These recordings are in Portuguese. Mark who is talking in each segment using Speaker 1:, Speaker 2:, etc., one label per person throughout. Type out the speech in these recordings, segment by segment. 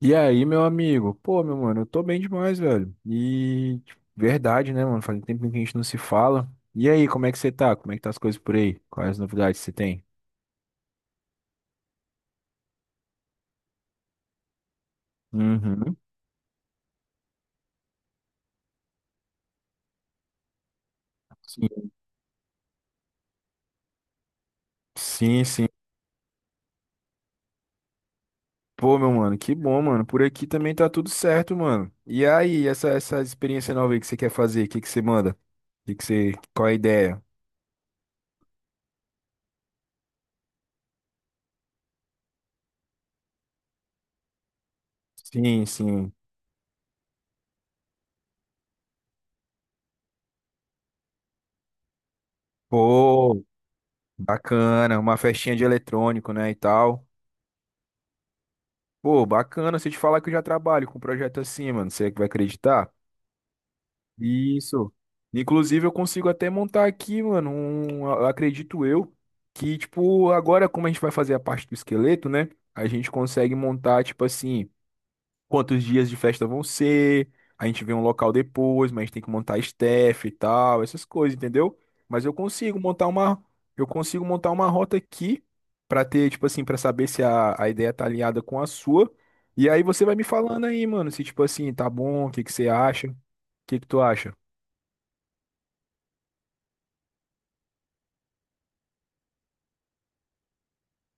Speaker 1: E aí, meu amigo? Pô, meu mano, eu tô bem demais, velho. E tipo, verdade, né, mano? Faz um tempo que a gente não se fala. E aí, como é que você tá? Como é que tá as coisas por aí? Quais as novidades você tem? Uhum. Sim, sim. Sim. Pô, meu mano, que bom, mano. Por aqui também tá tudo certo, mano. E aí, essa experiência nova aí que você quer fazer, o que que você manda? O que que você, qual é a ideia? Sim, sim. Pô, bacana, uma festinha de eletrônico, né, e tal. Pô, bacana, se eu te falar que eu já trabalho com um projeto assim, mano, você que vai acreditar? Isso. Inclusive, eu consigo até montar aqui, mano, um, eu acredito eu, que, tipo, agora como a gente vai fazer a parte do esqueleto, né? A gente consegue montar, tipo assim, quantos dias de festa vão ser, a gente vê um local depois, mas a gente tem que montar staff e tal, essas coisas, entendeu? Mas eu consigo montar uma, eu consigo montar uma rota aqui pra ter, tipo assim, pra saber se a ideia tá alinhada com a sua. E aí você vai me falando aí, mano, se tipo assim, tá bom, o que que você acha? O que que tu acha?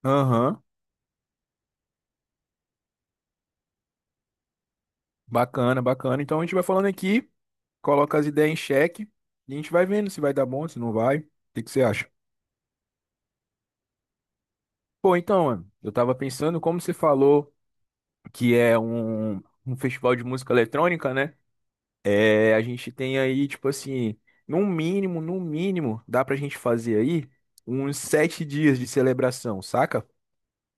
Speaker 1: Aham, bacana, bacana. Então a gente vai falando aqui, coloca as ideias em xeque e a gente vai vendo se vai dar bom, se não vai. O que que você acha? Pô, então, mano, eu tava pensando, como você falou que é um festival de música eletrônica, né? É, a gente tem aí, tipo assim, no mínimo, no mínimo, dá pra gente fazer aí uns sete dias de celebração, saca?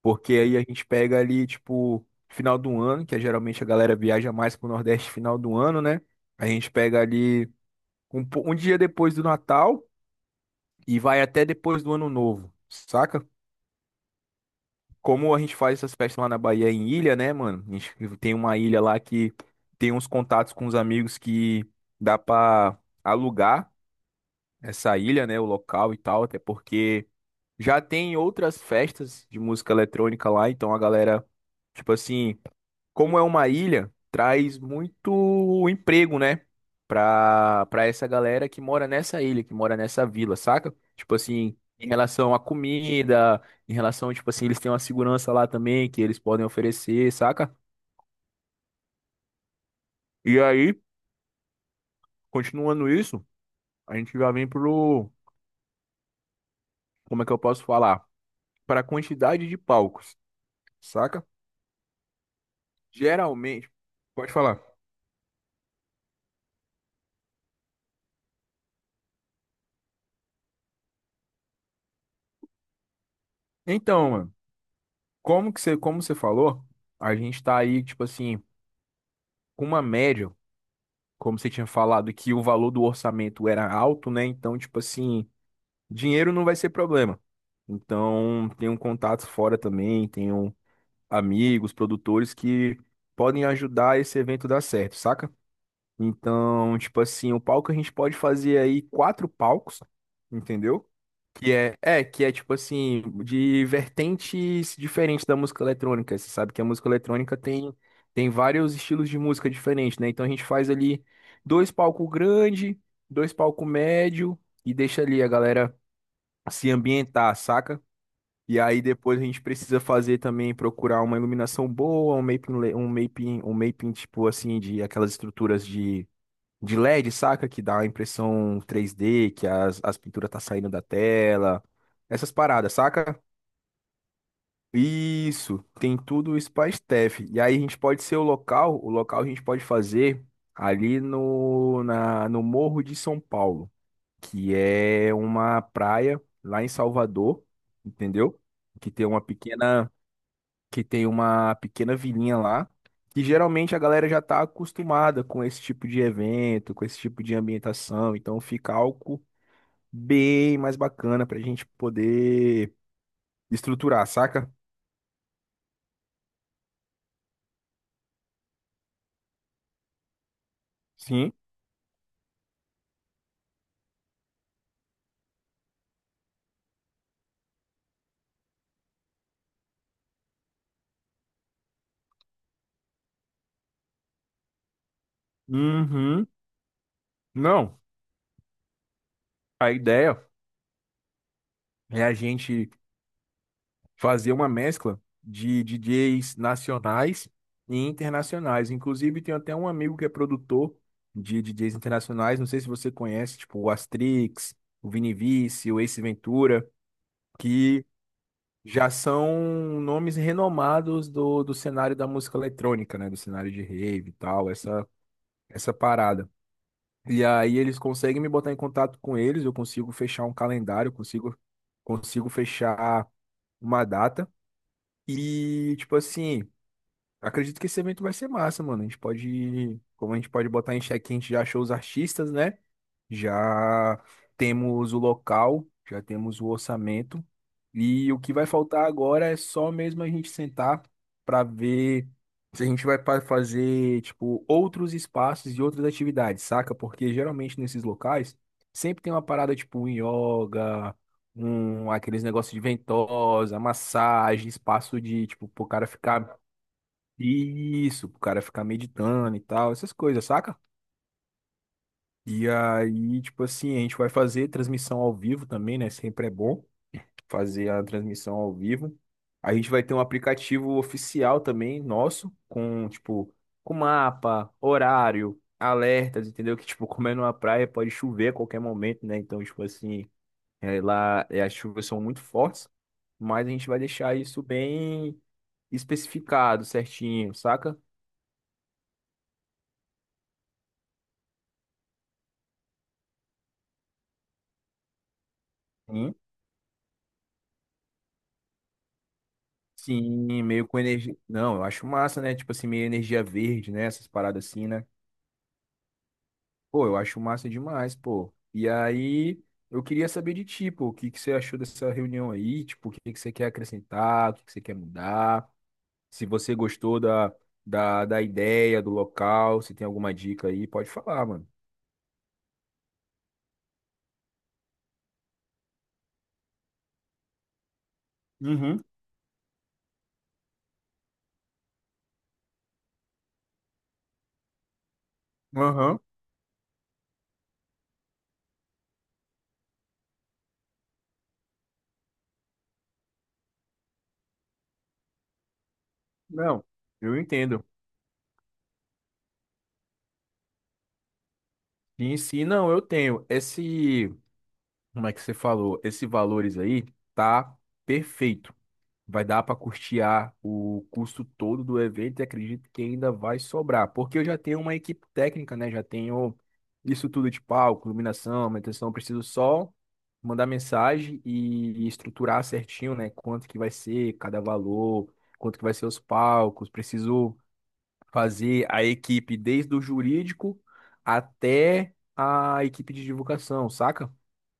Speaker 1: Porque aí a gente pega ali, tipo, final do ano, que é geralmente a galera viaja mais pro Nordeste final do ano, né? A gente pega ali um dia depois do Natal e vai até depois do Ano Novo, saca? Como a gente faz essas festas lá na Bahia em ilha, né, mano? A gente tem uma ilha lá que tem uns contatos com os amigos que dá pra alugar essa ilha, né, o local e tal, até porque já tem outras festas de música eletrônica lá, então a galera, tipo assim, como é uma ilha, traz muito emprego, né? Pra essa galera que mora nessa ilha, que mora nessa vila, saca? Tipo assim, em relação à comida, em relação, tipo assim, eles têm uma segurança lá também que eles podem oferecer, saca? E aí, continuando isso, a gente já vem pro, como é que eu posso falar? Pra quantidade de palcos, saca? Geralmente, pode falar. Então, mano, como que você, como você falou, a gente tá aí, tipo assim, com uma média. Como você tinha falado que o valor do orçamento era alto, né? Então, tipo assim, dinheiro não vai ser problema. Então, tenho contatos fora também, tenho amigos, produtores que podem ajudar esse evento dar certo, saca? Então, tipo assim, o palco a gente pode fazer aí quatro palcos, entendeu? Que é, que é tipo assim, de vertentes diferentes da música eletrônica. Você sabe que a música eletrônica tem vários estilos de música diferentes, né? Então a gente faz ali dois palcos grande, dois palcos médio e deixa ali a galera se ambientar, saca? E aí depois a gente precisa fazer também, procurar uma iluminação boa, um mapping, le- um mapping tipo assim, de aquelas estruturas de LED, saca? Que dá a impressão 3D, que as pinturas tá saindo da tela. Essas paradas, saca? Isso, tem tudo isso pra Steph. E aí a gente pode ser o local a gente pode fazer ali no Morro de São Paulo, que é uma praia lá em Salvador, entendeu? Que tem uma pequena, vilinha lá, que geralmente a galera já tá acostumada com esse tipo de evento, com esse tipo de ambientação, então fica algo bem mais bacana pra gente poder estruturar, saca? Sim. Uhum. Não, a ideia é a gente fazer uma mescla de DJs nacionais e internacionais. Inclusive, tem até um amigo que é produtor de DJs internacionais, não sei se você conhece, tipo o Astrix, o Vini Vici, o Ace Ventura, que já são nomes renomados do cenário da música eletrônica, né? Do cenário de rave e tal, essa parada. E aí eles conseguem me botar em contato com eles, eu consigo fechar um calendário, consigo fechar uma data e, tipo assim, acredito que esse evento vai ser massa, mano. A gente pode, como a gente pode botar em xeque, a gente já achou os artistas, né? Já temos o local, já temos o orçamento. E o que vai faltar agora é só mesmo a gente sentar para ver se a gente vai fazer, tipo, outros espaços e outras atividades, saca? Porque geralmente nesses locais sempre tem uma parada tipo um yoga, um aqueles negócios de ventosa, massagem, espaço de, tipo, pro cara ficar, isso, pro cara ficar meditando e tal, essas coisas, saca? E aí, tipo assim, a gente vai fazer transmissão ao vivo também, né? Sempre é bom fazer a transmissão ao vivo. A gente vai ter um aplicativo oficial também nosso, com, tipo, com mapa, horário, alertas, entendeu? Que, tipo, como é numa praia, pode chover a qualquer momento, né? Então, tipo assim, é, lá é, as chuvas são muito fortes, mas a gente vai deixar isso bem especificado, certinho, saca? Sim, meio com energia. Não, eu acho massa, né? Tipo assim, meio energia verde, né? Essas paradas assim, né? Pô, eu acho massa demais, pô. E aí, eu queria saber de ti, pô, o que que você achou dessa reunião aí? Tipo, o que que você quer acrescentar? O que que você quer mudar? Se você gostou da ideia, do local, se tem alguma dica aí, pode falar, mano. Uhum, aham. Não, eu entendo. Sim, sim. Não, eu tenho. Esse, como é que você falou? Esse valores aí tá perfeito. Vai dar para custear o custo todo do evento e acredito que ainda vai sobrar, porque eu já tenho uma equipe técnica, né? Já tenho isso tudo de palco, iluminação, manutenção. Eu preciso só mandar mensagem e estruturar certinho, né? Quanto que vai ser cada valor, quanto que vai ser os palcos. Preciso fazer a equipe desde o jurídico até a equipe de divulgação, saca?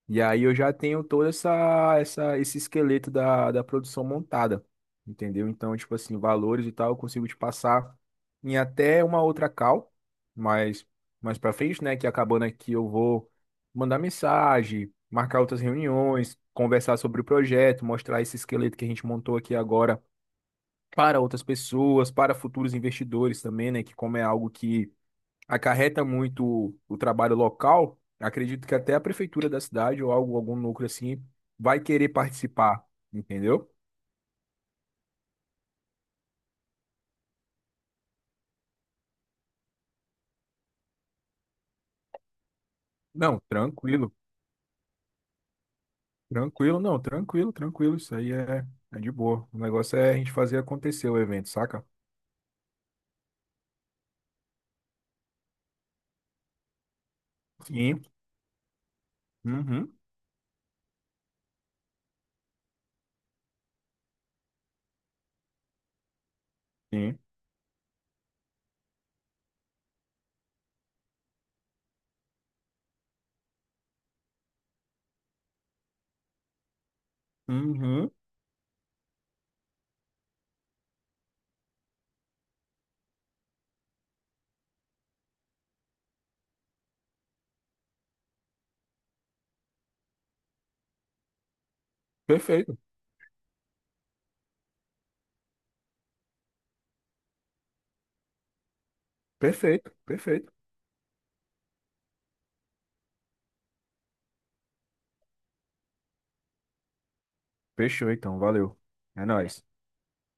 Speaker 1: E aí eu já tenho todo esse esqueleto da produção montada, entendeu? Então, tipo assim, valores e tal, eu consigo te passar em até uma outra call, mas mais para frente, né, que acabando aqui eu vou mandar mensagem, marcar outras reuniões, conversar sobre o projeto, mostrar esse esqueleto que a gente montou aqui agora para outras pessoas, para futuros investidores também, né, que como é algo que acarreta muito o trabalho local, acredito que até a prefeitura da cidade ou algo, algum núcleo assim vai querer participar, entendeu? Não, tranquilo, tranquilo, não, tranquilo, tranquilo, isso aí é de boa. O negócio é a gente fazer acontecer o evento, saca? Sim, uhum, sim, uhum, perfeito, perfeito, perfeito. Fechou então, valeu. É nóis.